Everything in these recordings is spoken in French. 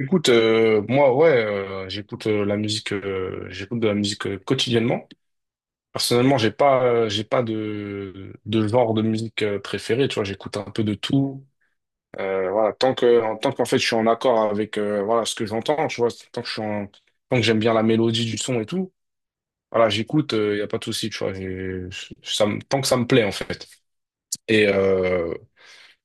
Écoute, moi, ouais, j'écoute la musique, j'écoute de la musique quotidiennement. Personnellement, j'ai pas de, de genre de musique préféré. Tu vois, j'écoute un peu de tout. Voilà, en tant qu'en fait, je suis en accord avec voilà ce que j'entends. Tu vois, tant que je suis en- tant que j'aime bien la mélodie du son et tout. Voilà, j'écoute. Il y a pas de souci. Tant que ça me plaît en fait. Et euh,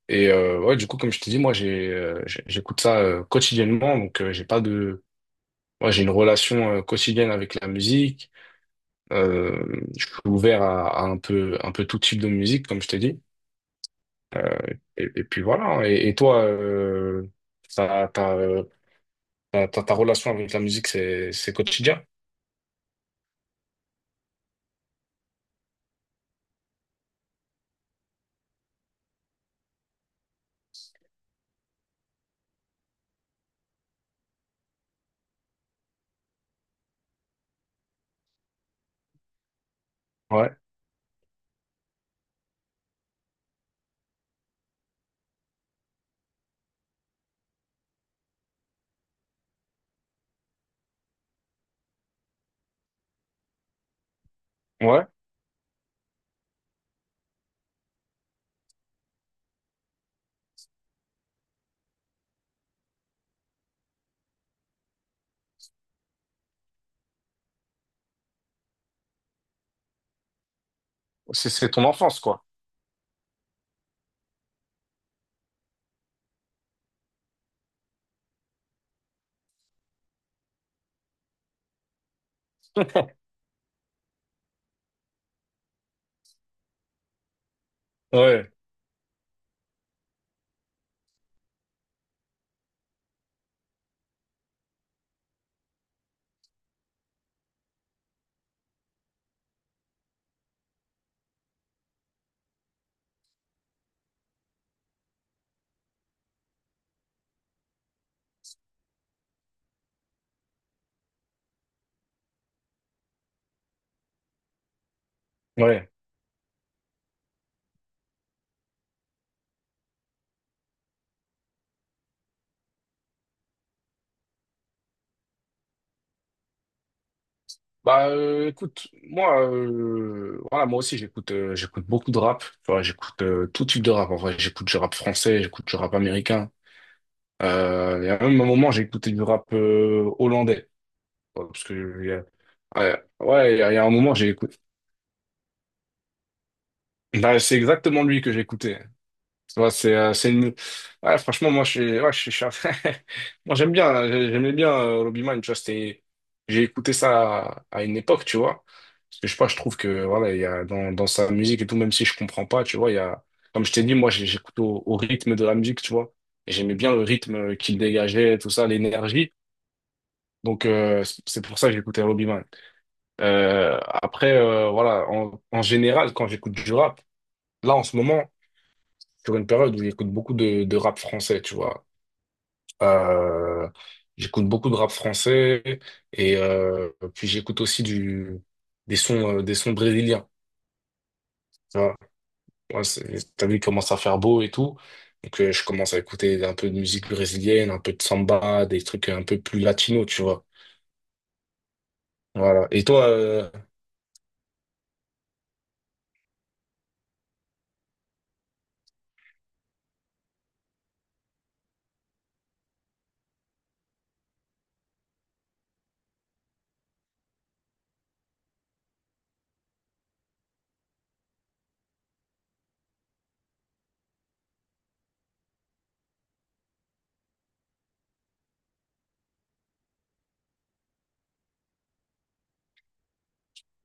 ouais, du coup, comme je te dis moi, j'écoute ça quotidiennement. Donc, j'ai pas de Moi, j'ai une relation quotidienne avec la musique. Je suis ouvert à un peu tout type de musique, comme je t'ai dit. Euh, et puis voilà, hein. Et toi, ta, ta, euh, ta relation avec la musique, c'est quotidien? Ouais. Ouais. C'est ton enfance, quoi. Ouais. Ouais. Écoute, moi, voilà, moi aussi, j'écoute beaucoup de rap. Tu vois, j'écoute tout type de rap. En vrai, j'écoute du rap français, j'écoute du rap américain. Il y a même un moment, j'ai écouté du rap hollandais. Ouais, parce que, il ouais, il y a un moment, j'ai écouté. Bah, c'est exactement lui que j'ai écouté. Tu vois, c'est, euh, c'est une... ouais, franchement, moi, je suis, ouais, je suis- moi, j'aimais bien Robbie Mann, tu vois, j'ai écouté ça à une époque, tu vois. Parce que je sais pas, je trouve que, voilà, il y a dans sa musique et tout, même si je comprends pas, tu vois, il y a, comme je t'ai dit, j'écoute au, au rythme de la musique, tu vois. Et j'aimais bien le rythme qu'il dégageait, tout ça, l'énergie. Donc, c'est pour ça que j'écoutais Robbie Man. Voilà, en, en général, quand j'écoute du rap, là, en ce moment, sur une période où j'écoute beaucoup de rap français, tu vois. Euh, J'écoute beaucoup de rap français et puis j'écoute aussi des sons brésiliens. Tu vois. Ouais, c'est- t'as vu, il commence à faire beau et tout. Donc, je commence à écouter un peu de musique brésilienne, un peu de samba, des trucs un peu plus latinos, tu vois. Voilà. Et toi, euh,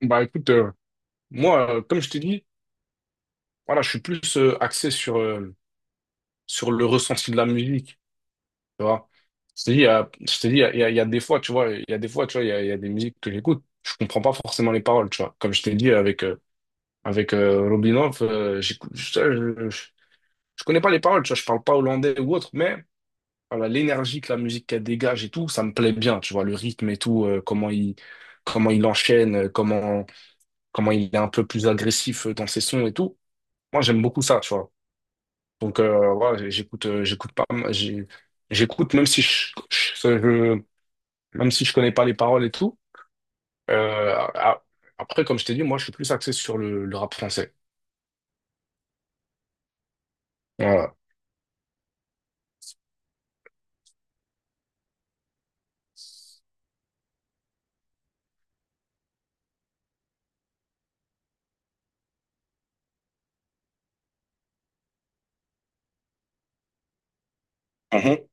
bah écoute, comme je t'ai dit, voilà, je suis plus axé sur, sur le ressenti de la musique, tu vois. Je te dis, il y a des fois, tu vois, il y a des fois, tu vois, il y a des musiques que j'écoute, je comprends pas forcément les paroles, tu vois. Comme je t'ai dit avec Robinov, j'écoute, je connais pas les paroles, tu vois, je parle pas hollandais ou autre, mais voilà, l'énergie que la musique qu'elle dégage et tout, ça me plaît bien, tu vois, le rythme et tout, comment il enchaîne, comment il est un peu plus agressif dans ses sons et tout. Moi, j'aime beaucoup ça, tu vois. Donc voilà, j'écoute, j'écoute pas, j'ai- j'écoute même si je, je- même si je connais pas les paroles et tout. Euh, a- Comme je t'ai dit, moi, je suis plus axé sur le rap français. Voilà. Mhm.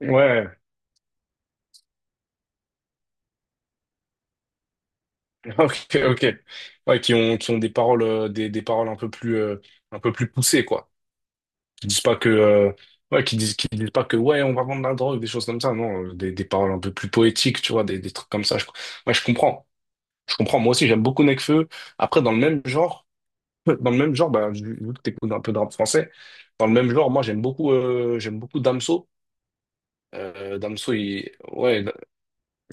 Ouais. Ok, ok. Ouais, qui ont des paroles, des paroles un peu plus poussées, quoi. Qui disent pas que, euh, qui disent pas que, ouais, on va vendre de la drogue, des choses comme ça. Non, des paroles un peu plus poétiques, tu vois, des trucs comme ça. Ouais, je comprends. Je comprends. Moi aussi, j'aime beaucoup Nekfeu. Après, dans le même genre. Dans le même genre, bah, vu vu que t'écoutes un peu de rap français, dans le même genre, j'aime beaucoup Damso. Euh, Damso, il, ouais,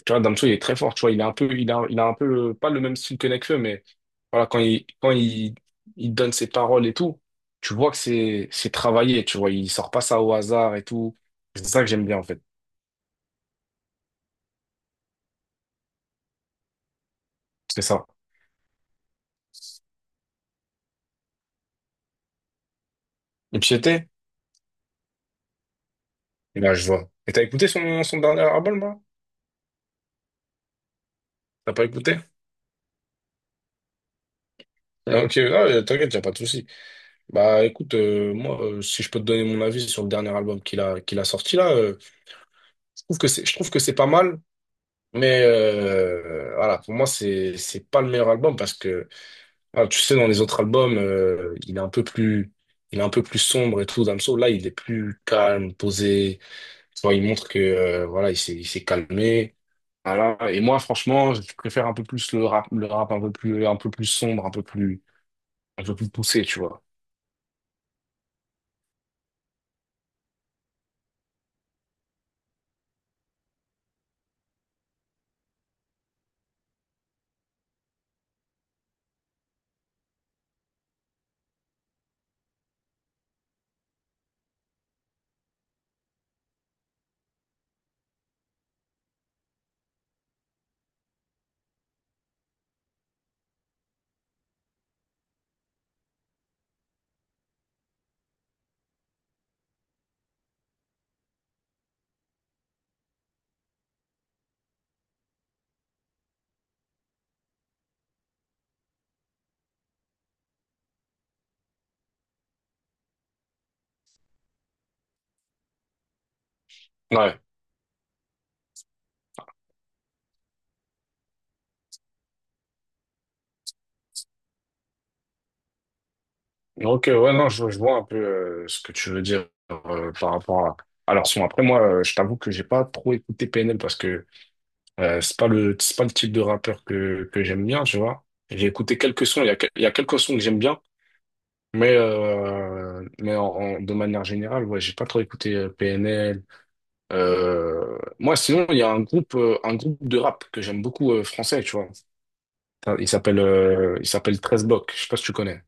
Tu vois, Damso, il est très fort. Tu vois, il a un peu, pas le même style que Nekfeu, mais voilà, quand il donne ses paroles et tout, tu vois c'est travaillé. Tu vois, il sort pas ça au hasard et tout. C'est ça que j'aime bien en fait. C'est ça. Et puis j'étais, et là je vois. Et t'as écouté son, son dernier album là? T'as pas écouté? Ah, ok, ah, t'inquiète, y a pas de souci. Bah écoute, si je peux te donner mon avis sur le dernier album qu'il a sorti là, je trouve que c'est pas mal, mais voilà, pour moi, c'est pas le meilleur album parce que, ah, tu sais, dans les autres albums, il est un peu plus sombre et tout. Damso, là, il est plus calme, posé. Tu vois, il montre que, voilà, il s'est calmé. Voilà. Et moi, franchement, je préfère un peu plus le rap, un peu plus sombre, un peu plus poussé, tu vois. Ouais. Ok, ouais, non, je vois un peu ce que tu veux dire par rapport à. Je t'avoue que j'ai pas trop écouté PNL parce que c'est pas le type de rappeur que j'aime bien, tu vois. J'ai écouté quelques sons, il y a quelques sons que j'aime bien, mais, de manière générale, ouais, j'ai pas trop écouté PNL. Moi, sinon, il y a un groupe de rap que j'aime beaucoup français, tu vois. Il s'appelle 13 Blocs, je sais pas si tu connais.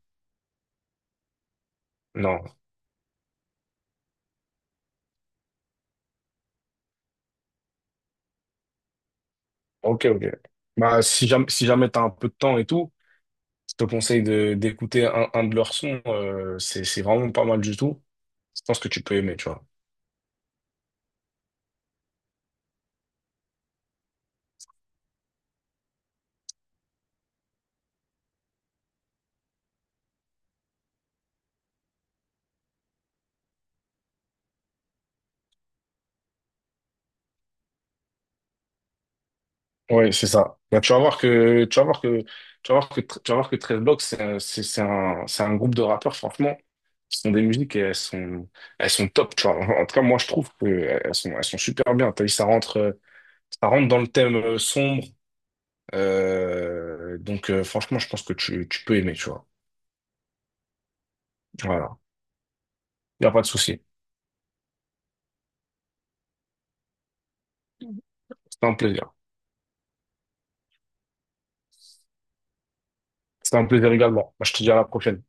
Non. Ok, ok. Bah, si jamais t'as un peu de temps et tout, je te conseille d'écouter un de leurs sons. C'est vraiment pas mal du tout. Je pense que tu peux aimer, tu vois. Ouais, c'est ça. Bah, tu vas voir que, tu vas voir que, tu vas voir que, tu vas voir que 13 Blocks, c'est un groupe de rappeurs, franchement, qui sont des musiques et elles sont top, tu vois. En tout cas, moi, je trouve que elles sont super bien. T'as vu, ça rentre dans le thème sombre. Franchement, je pense que tu peux aimer, tu vois. Voilà. Y a pas de souci. C'était un plaisir. C'était un plaisir également. Bah, je te dis à la prochaine.